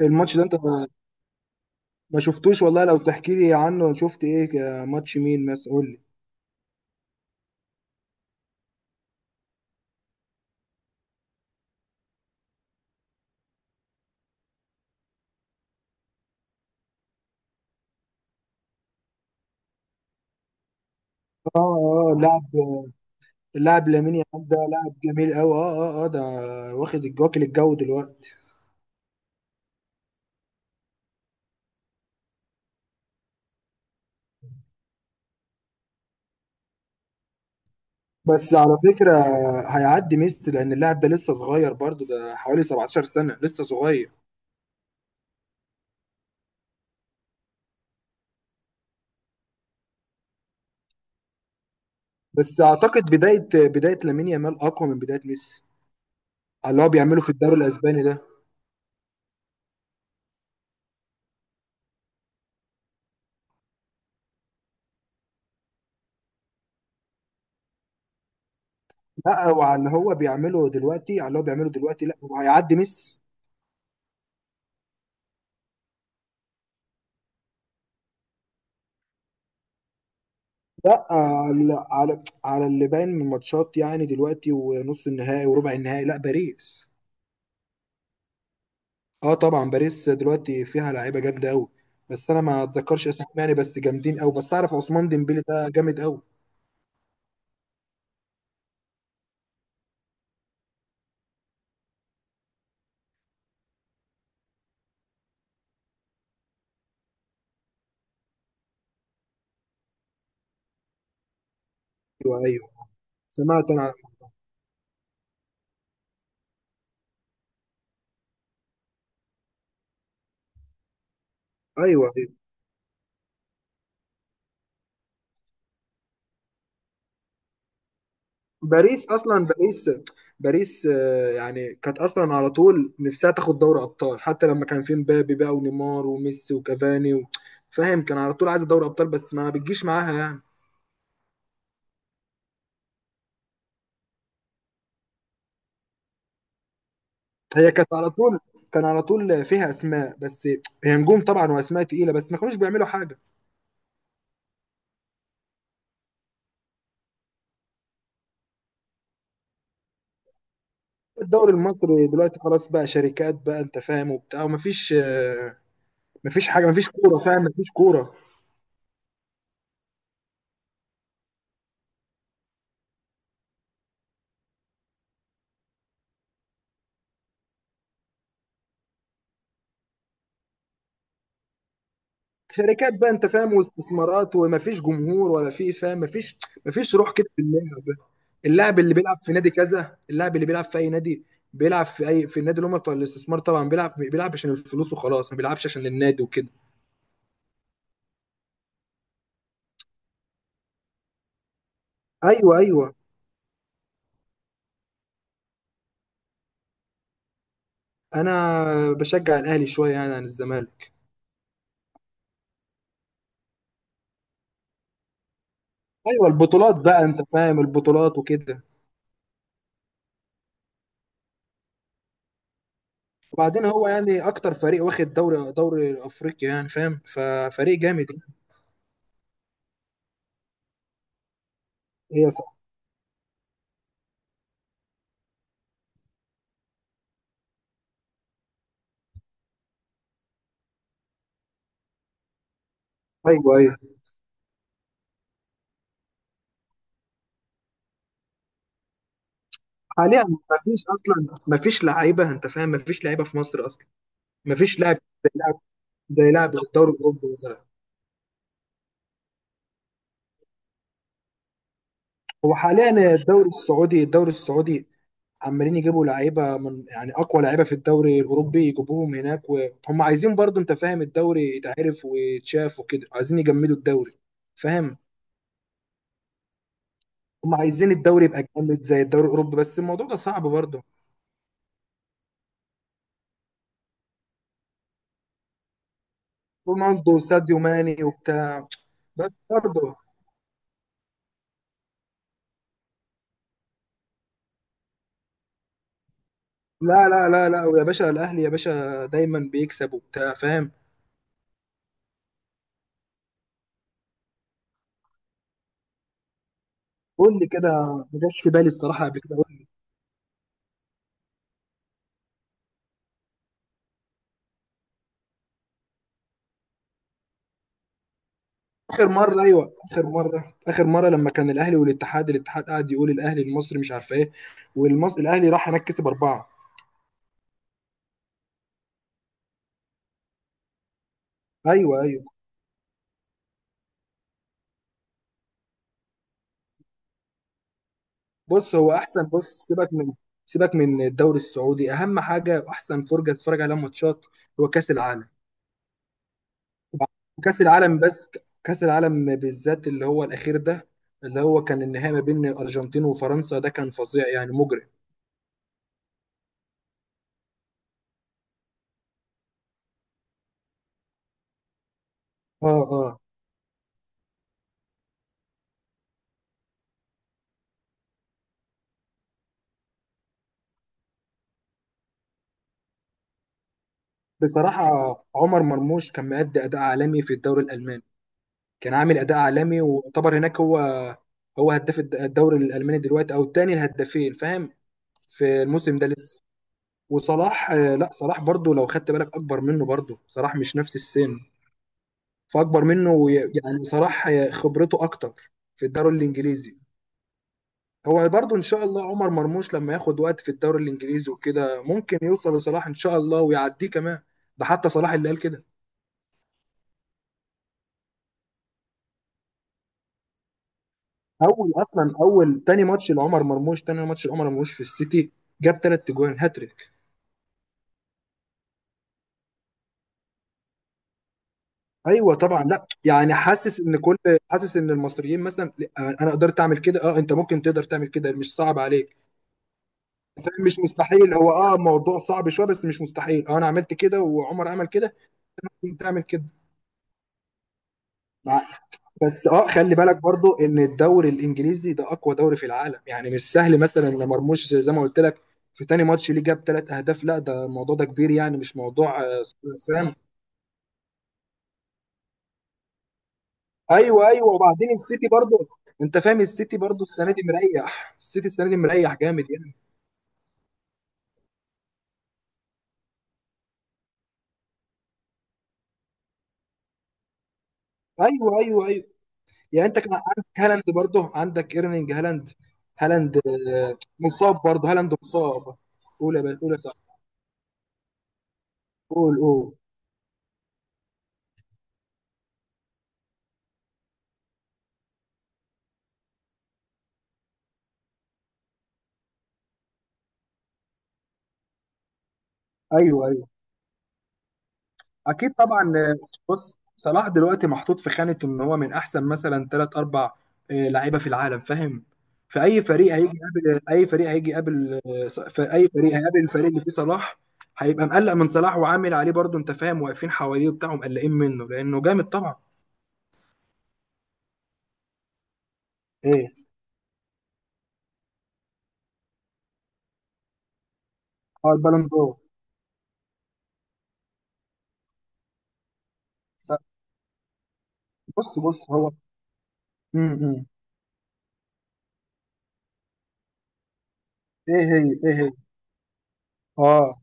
الماتش ده انت ما شفتوش والله. لو تحكي لي عنه، شفت ايه؟ ماتش مين مثلا؟ قول لي. اه، اه. لاعب. اللاعب لامين يامال ده لاعب جميل قوي. اه، اه، اه. ده واكل الجو دلوقتي. بس على فكرة، هيعدي ميسي، لان اللاعب ده لسه صغير، برضو ده حوالي 17 سنة، لسه صغير. بس اعتقد بداية لامين يامال اقوى من بداية ميسي، على اللي هو بيعمله في الدوري الاسباني ده. لا، وعلى اللي هو بيعمله دلوقتي، على اللي هو بيعمله دلوقتي، لا هو هيعدي ميسي. لا، على اللي باين من الماتشات، يعني دلوقتي، ونص النهائي وربع النهائي، لا باريس. اه طبعا، باريس دلوقتي فيها لعيبه جامده قوي. بس انا ما اتذكرش اسمهم يعني، بس جامدين قوي. بس اعرف عثمان ديمبلي، ده جامد قوي. ايوه، ايوه. سمعت انا. ايوه، ايوه. باريس اصلا، باريس يعني كانت اصلا على طول نفسها تاخد دوري ابطال، حتى لما كان في مبابي بقى، ونيمار وميسي وكافاني فاهم، كان على طول عايزه دوري ابطال، بس ما بتجيش معاها يعني. هي كانت على طول كان على طول فيها اسماء، بس هي نجوم طبعا واسماء تقيله، بس ما كانوش بيعملوا حاجه. الدوري المصري دلوقتي خلاص بقى شركات بقى، انت فاهم، وبتاع، ومفيش. مفيش حاجه، مفيش كوره، فاهم، مفيش كوره. شركات بقى، انت فاهم، واستثمارات، ومفيش جمهور ولا في، فاهم، مفيش. مفيش روح كده في اللعب. اللاعب اللي بيلعب في نادي كذا، اللاعب اللي بيلعب في اي نادي، بيلعب في اي في النادي اللي هم بتوع الاستثمار، طبعا بيلعب عشان الفلوس وخلاص، ما بيلعبش عشان النادي وكده. ايوه، ايوه. انا بشجع الاهلي شويه يعني عن الزمالك. ايوه، البطولات بقى، انت فاهم، البطولات وكده. وبعدين هو يعني اكتر فريق واخد دوري افريقيا، يعني فاهم، ففريق جامد يعني. هي صح. ايوه، ايوه. حاليا مفيش، اصلا مفيش لعيبه، انت فاهم، مفيش لعيبه في مصر اصلا. مفيش لاعب، زي لاعب زي لاعب الدوري الاوروبي مثلا. هو حاليا الدوري السعودي عمالين يجيبوا لعيبه من، يعني اقوى لعيبه في الدوري الاوروبي يجيبوهم هناك، وهم عايزين، برضو انت فاهم، الدوري يتعرف ويتشاف وكده، عايزين يجمدوا الدوري، فاهم. هم عايزين الدوري يبقى جامد زي الدوري الاوروبي، بس الموضوع ده صعب برضو. رونالدو وساديو ماني وبتاع. بس برضو. لا، لا، لا، لا، ويا باشا الاهلي يا باشا دايما بيكسب وبتاع، فاهم. قول لي كده، ما جاش في بالي الصراحه قبل كده. اخر مره، ايوه. اخر مره لما كان الاهلي والاتحاد، الاتحاد قعد يقول الاهلي المصري مش عارف ايه، والمصري الاهلي راح هناك كسب اربعه. ايوه، ايوه. بص هو احسن بص، سيبك من الدوري السعودي. اهم حاجه واحسن فرجه تتفرج عليها ماتشات هو كاس العالم. كاس العالم بس، كاس العالم بالذات، اللي هو الاخير ده، اللي هو كان النهائي ما بين الارجنتين وفرنسا، ده كان فظيع يعني، مجرم. اه، اه. بصراحه، عمر مرموش كان مادي اداء عالمي في الدوري الالماني. كان عامل اداء عالمي، ويعتبر هناك، هو هداف الدوري الالماني دلوقتي، او الثاني الهدافين، فاهم، في الموسم ده لسه. وصلاح، لا صلاح برضو لو خدت بالك اكبر منه، برضو صلاح مش نفس السن، فاكبر منه، يعني صلاح خبرته اكتر في الدوري الانجليزي. هو برضو ان شاء الله عمر مرموش لما ياخد وقت في الدوري الانجليزي وكده، ممكن يوصل لصلاح ان شاء الله، ويعديه كمان. ده حتى صلاح اللي قال كده. اول تاني ماتش لعمر مرموش في السيتي جاب ثلاث اجوان، هاتريك. ايوه طبعا. لا يعني، حاسس ان المصريين مثلا، لأ، انا قدرت اعمل كده، اه، انت ممكن تقدر تعمل كده، مش صعب عليك، فاهم، مش مستحيل. هو اه موضوع صعب شويه، بس مش مستحيل. اه انا عملت كده، وعمر عمل كده، انت تعمل كده. مع- بس اه، خلي بالك برضو ان الدوري الانجليزي ده اقوى دوري في العالم، يعني مش سهل مثلا ان مرموش زي ما قلت لك في تاني ماتش ليه جاب ثلاث اهداف. لا ده الموضوع ده كبير يعني، مش موضوع. فاهم. ايوه، ايوه. وبعدين السيتي برضه، انت فاهم، السيتي برضه السنه دي مريح، السيتي السنه دي مريح جامد يعني. ايوه، ايوه، ايوه. يعني انت كان عندك هالاند، برضه عندك ايرلينج هالاند. هالاند مصاب، برضه هالاند مصاب. قول يا باشا، قول يا صاحبي، قول، قول. ايوه، أيوه. اكيد طبعا. بص، صلاح دلوقتي محطوط في خانة ان هو من احسن مثلا ثلاث اربع لعيبة في العالم، فاهم. في اي فريق هيجي يقابل اي فريق هيجي يقابل آه، ص- في اي فريق هيقابل الفريق اللي فيه صلاح، هيبقى مقلق من صلاح وعامل عليه برضه، انت فاهم، واقفين حواليه وبتاع، مقلقين منه لانه جامد طبعا. ايه؟ اه، البالون دور. س- بص هو. امم. ايه هي؟ اه،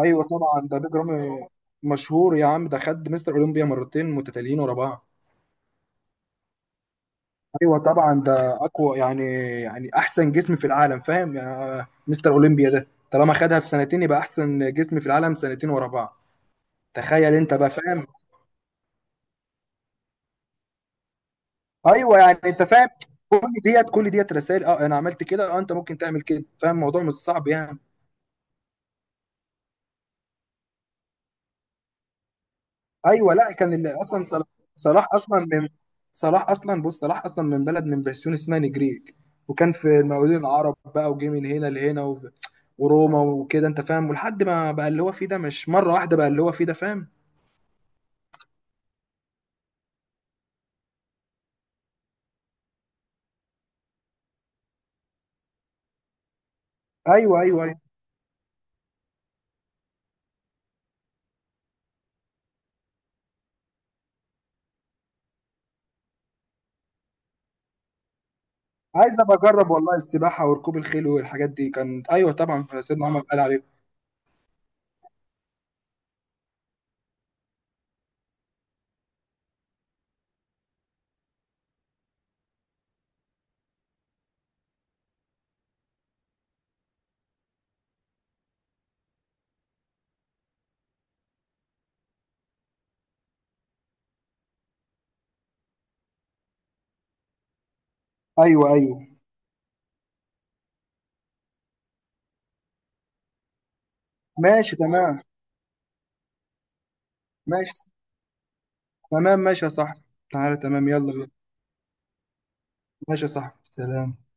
ايوه طبعا، ده بيج رامي مشهور يا عم. ده خد مستر اولمبيا مرتين متتاليين ورا بعض. ايوه طبعا، ده اقوى يعني، يعني احسن جسم في العالم، فاهم. يعني مستر اولمبيا ده طالما خدها في سنتين، يبقى احسن جسم في العالم، سنتين ورا بعض. تخيل انت بقى، فاهم. ايوه، يعني انت فاهم، كل كل ديت رسائل: اه انا عملت كده، اه انت ممكن تعمل كده، فاهم، الموضوع مش صعب يعني. ايوه، لا كان اللي اصلا صلاح، صلاح اصلا من صلاح اصلا بص صلاح اصلا من بلد من بسيون اسمها نجريج. وكان في المقاولين العرب بقى، وجه من هنا لهنا وروما وكده، انت فاهم، ولحد ما بقى اللي هو فيه ده، مش مره واحده بقى اللي هو فيه ده، فاهم. ايوه، ايوه، ايوه. عايز ابقى اجرب والله السباحه وركوب الخيل والحاجات دي، كانت ايوه طبعا، سيدنا عمر قال عليه. ايوه، ايوه. ماشي، تمام. ماشي، تمام. ماشي يا صاحبي، تعالى تمام، يلا بينا. ماشي يا صاحبي، سلام.